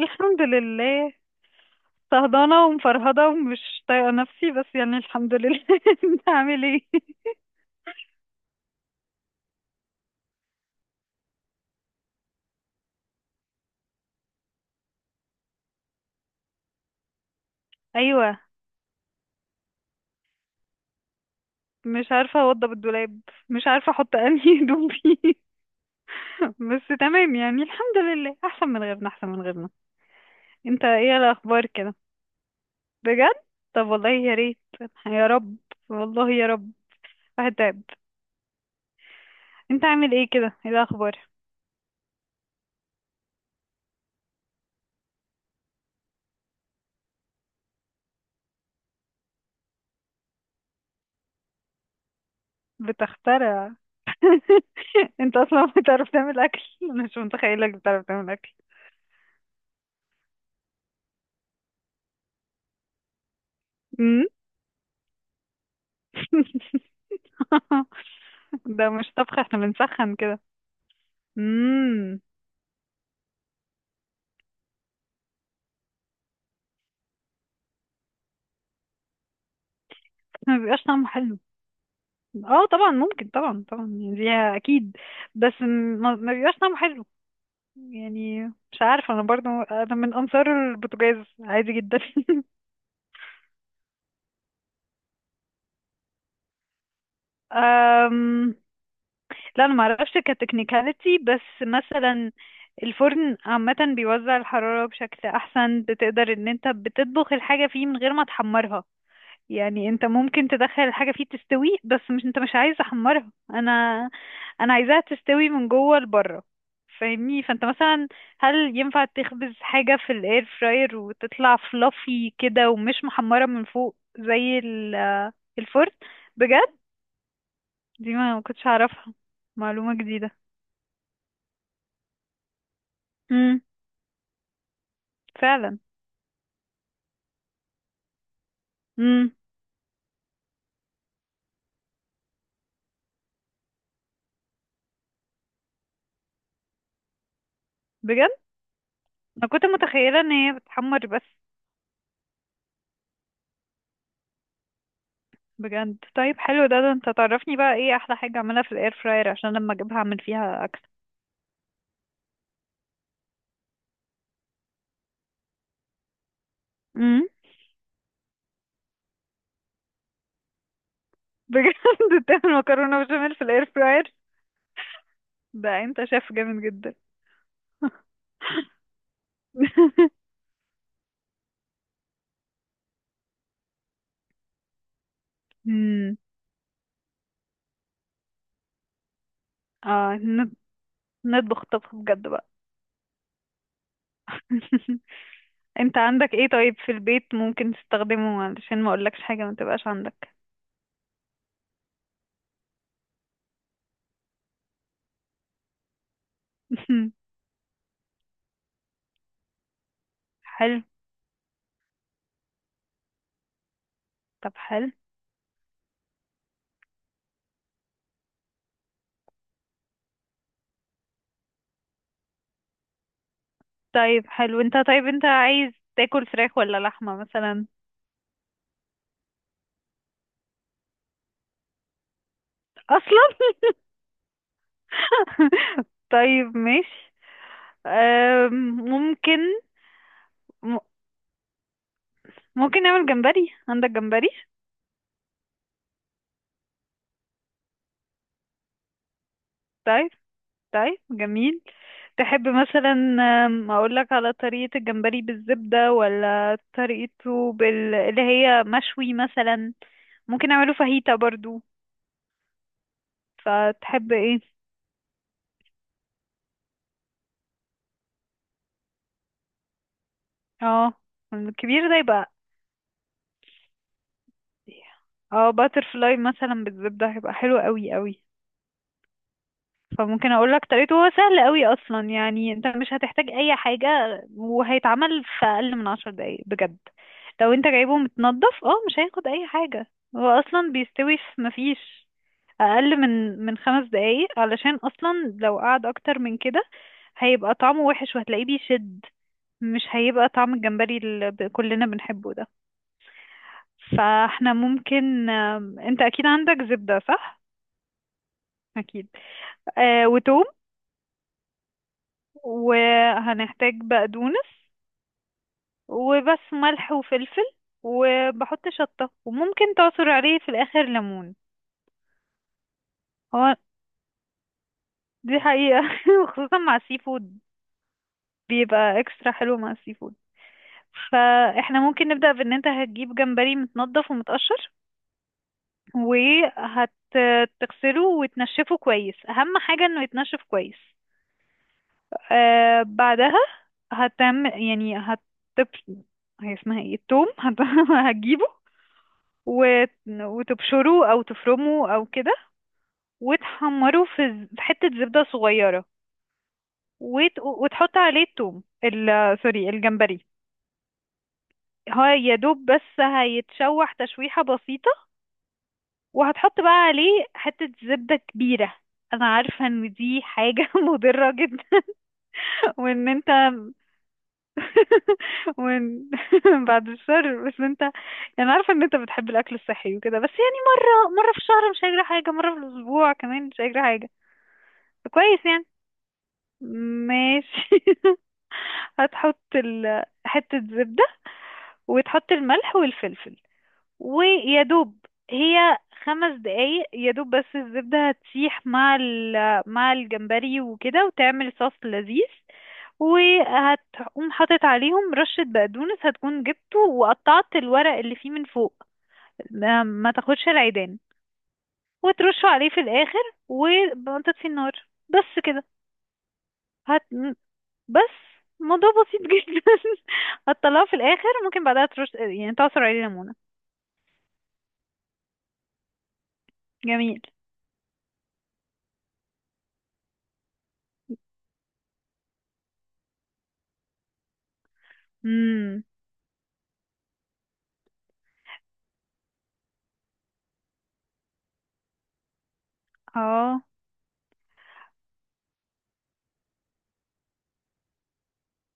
الحمد لله. صهدانة ومفرهدة ومش طايقة نفسي، بس يعني الحمد لله. انت عامل ايه؟ ايوه. مش عارفة اوضب الدولاب، مش عارفة احط انهي هدوم فيه. بس تمام يعني الحمد لله، احسن من غيرنا احسن من غيرنا. انت ايه الاخبار كده؟ بجد. طب والله يا ريت. يا رب، والله يا رب. هتعب. انت عامل ايه كده، ايه الاخبار؟ بتخترع؟ انت اصلا بتعرف تعمل اكل؟ انا مش متخيلك بتعرف تعمل اكل. أمم. ده مش طبخ، احنا بنسخن كده. امم. ما بيبقاش طعمه حلو. اه طبعا ممكن، طبعا طبعا، يعني دي اكيد. بس ما بيبقاش طعمه حلو يعني. مش عارفه انا، برضو انا من انصار البوتاجاز عادي جدا. أم... لا انا ما اعرفش كتكنيكاليتي، بس مثلا الفرن عامة بيوزع الحرارة بشكل أحسن. بتقدر إن أنت بتطبخ الحاجة فيه من غير ما تحمرها، يعني انت ممكن تدخل الحاجة فيه تستوي، بس مش انت مش عايز تحمرها. انا عايزاها تستوي من جوه لبره، فاهمني؟ فانت مثلا، هل ينفع تخبز حاجة في الاير فراير وتطلع فلافي كده ومش محمرة من فوق زي الفرن؟ بجد، دي ما كنتش اعرفها. معلومة جديدة. امم. فعلا. امم. بجد. انا كنت متخيلة ان هي بتحمر بس. بجد؟ طيب حلو ده. ده انت تعرفني بقى ايه احلى حاجة اعملها في الاير فراير عشان لما اجيبها اعمل فيها اكل. امم. بجد؟ تعمل مكرونه بشاميل في الاير فراير؟ ده انت شايف جامد جدا. امم. اه نطبخ طبخ بجد بقى. انت عندك ايه طيب في البيت ممكن تستخدمه، علشان ما اقولكش حاجه ما تبقاش عندك. حلو. طب حلو. طيب حلو، انت طيب انت عايز تاكل فراخ ولا لحمه مثلا؟ اصلا. طيب ماشي. أم، ممكن. م- ممكن نعمل جمبري؟ عندك جمبري؟ طيب. طيب جميل. تحب مثلا، آم، اقولك على طريقة الجمبري بالزبدة، ولا طريقته اللي هي مشوي مثلا؟ ممكن اعمله فاهيتا برضو. فتحب ايه؟ اه، الكبير ده يبقى. إيه؟ اه باتر فلاي مثلا بالزبدة، هيبقى حلو قوي قوي. فممكن اقول لك طريقته. هو سهل قوي اصلا، يعني انت مش هتحتاج اي حاجه. وهيتعمل في اقل من 10 دقايق بجد. لو انت جايبه متنضف، اه مش هياخد اي حاجه. هو اصلا بيستوي في، مفيش اقل من 5 دقايق، علشان اصلا لو قعد اكتر من كده هيبقى طعمه وحش وهتلاقيه بيشد. مش هيبقى طعم الجمبري اللي كلنا بنحبه ده. فاحنا ممكن، آم، انت اكيد عندك زبدة صح؟ اكيد. آه وتوم. وهنحتاج بقدونس، وبس ملح وفلفل. وبحط شطة، وممكن تعصر عليه في الآخر ليمون. هو دي حقيقة، وخصوصا مع السي فود بيبقى اكسترا حلو مع السي فود. فاحنا ممكن نبدأ بان انت هتجيب جمبري متنضف ومتقشر. وهتغسله وتنشفه كويس، اهم حاجة انه يتنشف كويس. آه بعدها هتعمل يعني هي اسمها ايه التوم. هتجيبه، وتبشروه او تفرموه او كده. وتحمره في في حتة زبدة صغيرة. وتحط عليه التوم، سوري الجمبري. هو يا دوب بس هيتشوح تشويحة بسيطة. وهتحط بقى عليه حتة زبدة كبيرة. انا عارفة ان دي حاجة مضرة جدا، وان انت وان بعد الشر، بس انت. انا عارفة ان انت بتحب الاكل الصحي وكده، بس يعني مرة مرة في الشهر مش هيجرى حاجة، مرة في الاسبوع كمان مش هيجرى حاجة. كويس يعني. ماشي. هتحط حتة زبدة، وتحط الملح والفلفل. ويا دوب هي 5 دقايق يا دوب، بس الزبدة هتسيح مع مع الجمبري وكده، وتعمل صوص لذيذ. وهتقوم حاطط عليهم رشة بقدونس، هتكون جبته وقطعت الورق اللي فيه من فوق. ما تاخدش العيدان، وترشه عليه في الآخر وتطفي النار، بس كده. هت... بس الموضوع بسيط جدا. هتطلعه في الاخر، ممكن بعدها ترش يعني تعصر عليه ليمونة. جميل. امم. اه.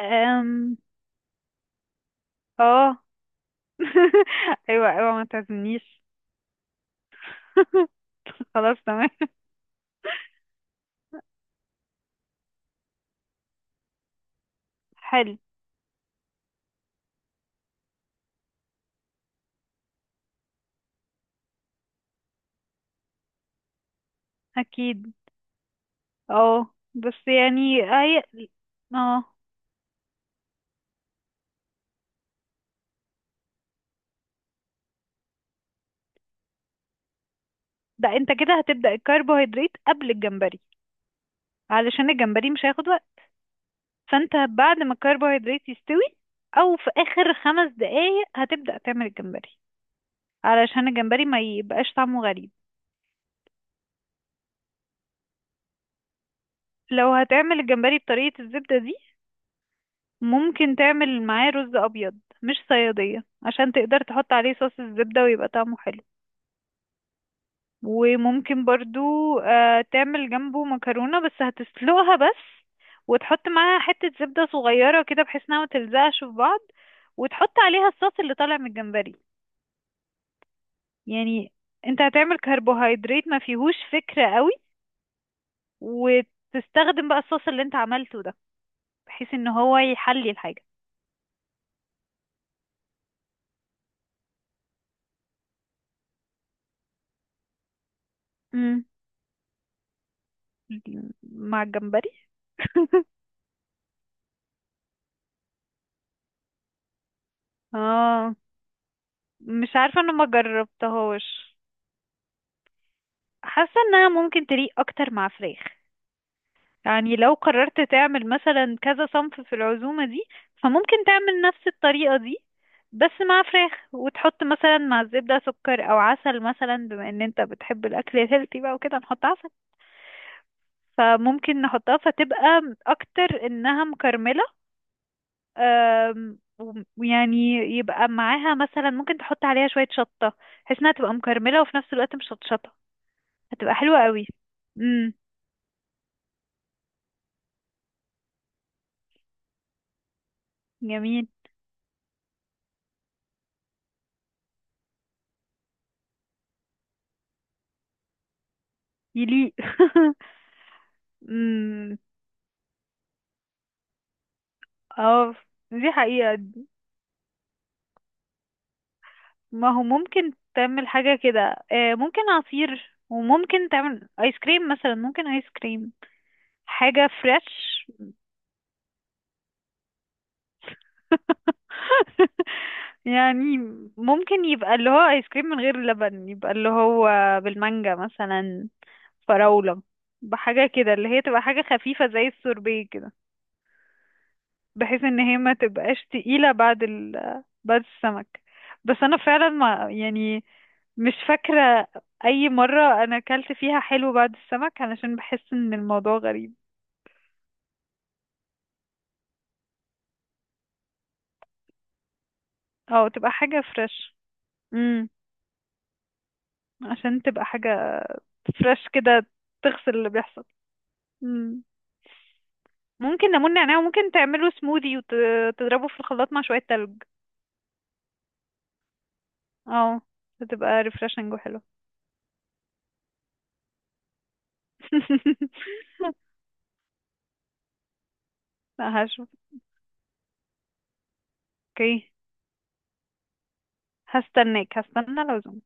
أم. اه. ايوه ايوه ما تعزمنيش. خلاص تمام. حلو. اكيد. اه بس يعني هي. اه، ده انت كده هتبدأ الكربوهيدرات قبل الجمبري، علشان الجمبري مش هياخد وقت. فانت بعد ما الكربوهيدرات يستوي، او في اخر 5 دقايق، هتبدأ تعمل الجمبري، علشان الجمبري ما يبقاش طعمه غريب. لو هتعمل الجمبري بطريقة الزبدة دي، ممكن تعمل معاه رز أبيض، مش صيادية، عشان تقدر تحط عليه صوص الزبدة ويبقى طعمه حلو. وممكن برضو، آه، تعمل جنبه مكرونة، بس هتسلقها بس، وتحط معاها حتة زبدة صغيرة كده بحيث انها متلزقش في بعض. وتحط عليها الصوص اللي طالع من الجمبري. يعني انت هتعمل كربوهيدرات ما فيهوش فكرة قوي، وتستخدم بقى الصوص اللي انت عملته ده، بحيث ان هو يحلي الحاجة. امم. مع الجمبري؟ اه، مش عارفة، انا ما جربتهاش. حاسة انها ممكن تليق اكتر مع فراخ. يعني لو قررت تعمل مثلا كذا صنف في العزومة دي، فممكن تعمل نفس الطريقة دي بس مع فراخ، وتحط مثلا مع الزبدة سكر او عسل مثلا، بما ان انت بتحب الاكل الهيلثي بقى وكده نحط عسل. فممكن نحطها فتبقى اكتر انها مكرملة. آم، ويعني يبقى معاها مثلا ممكن تحط عليها شوية شطة، بحيث انها تبقى مكرملة وفي نفس الوقت مش شطشطة. هتبقى حلوة قوي. امم. جميل. يليق. امم. اه، دي حقيقة. ما هو ممكن تعمل حاجة كده، آه، ممكن عصير وممكن تعمل ايس كريم مثلا، ممكن ايس كريم، حاجة فريش. يعني ممكن يبقى اللي هو ايس كريم من غير لبن، يبقى اللي هو بالمانجا مثلا، فراولة، بحاجة كده اللي هي تبقى حاجة خفيفة زي السوربيه كده، بحيث ان هي ما تبقاش تقيلة بعد بعد السمك. بس انا فعلا ما يعني، مش فاكرة اي مرة انا اكلت فيها حلو بعد السمك، علشان بحس ان الموضوع غريب. اه تبقى حاجة فريش. امم. عشان تبقى حاجة فريش كده، تغسل اللي بيحصل. امم. ممكن ليمون نعناع، وممكن تعمله سموذي وتضربه في الخلاط مع شوية تلج. اه هتبقى ريفرشنج وحلو. لا هشوف. اوكي. هستناك هستنى العزومة.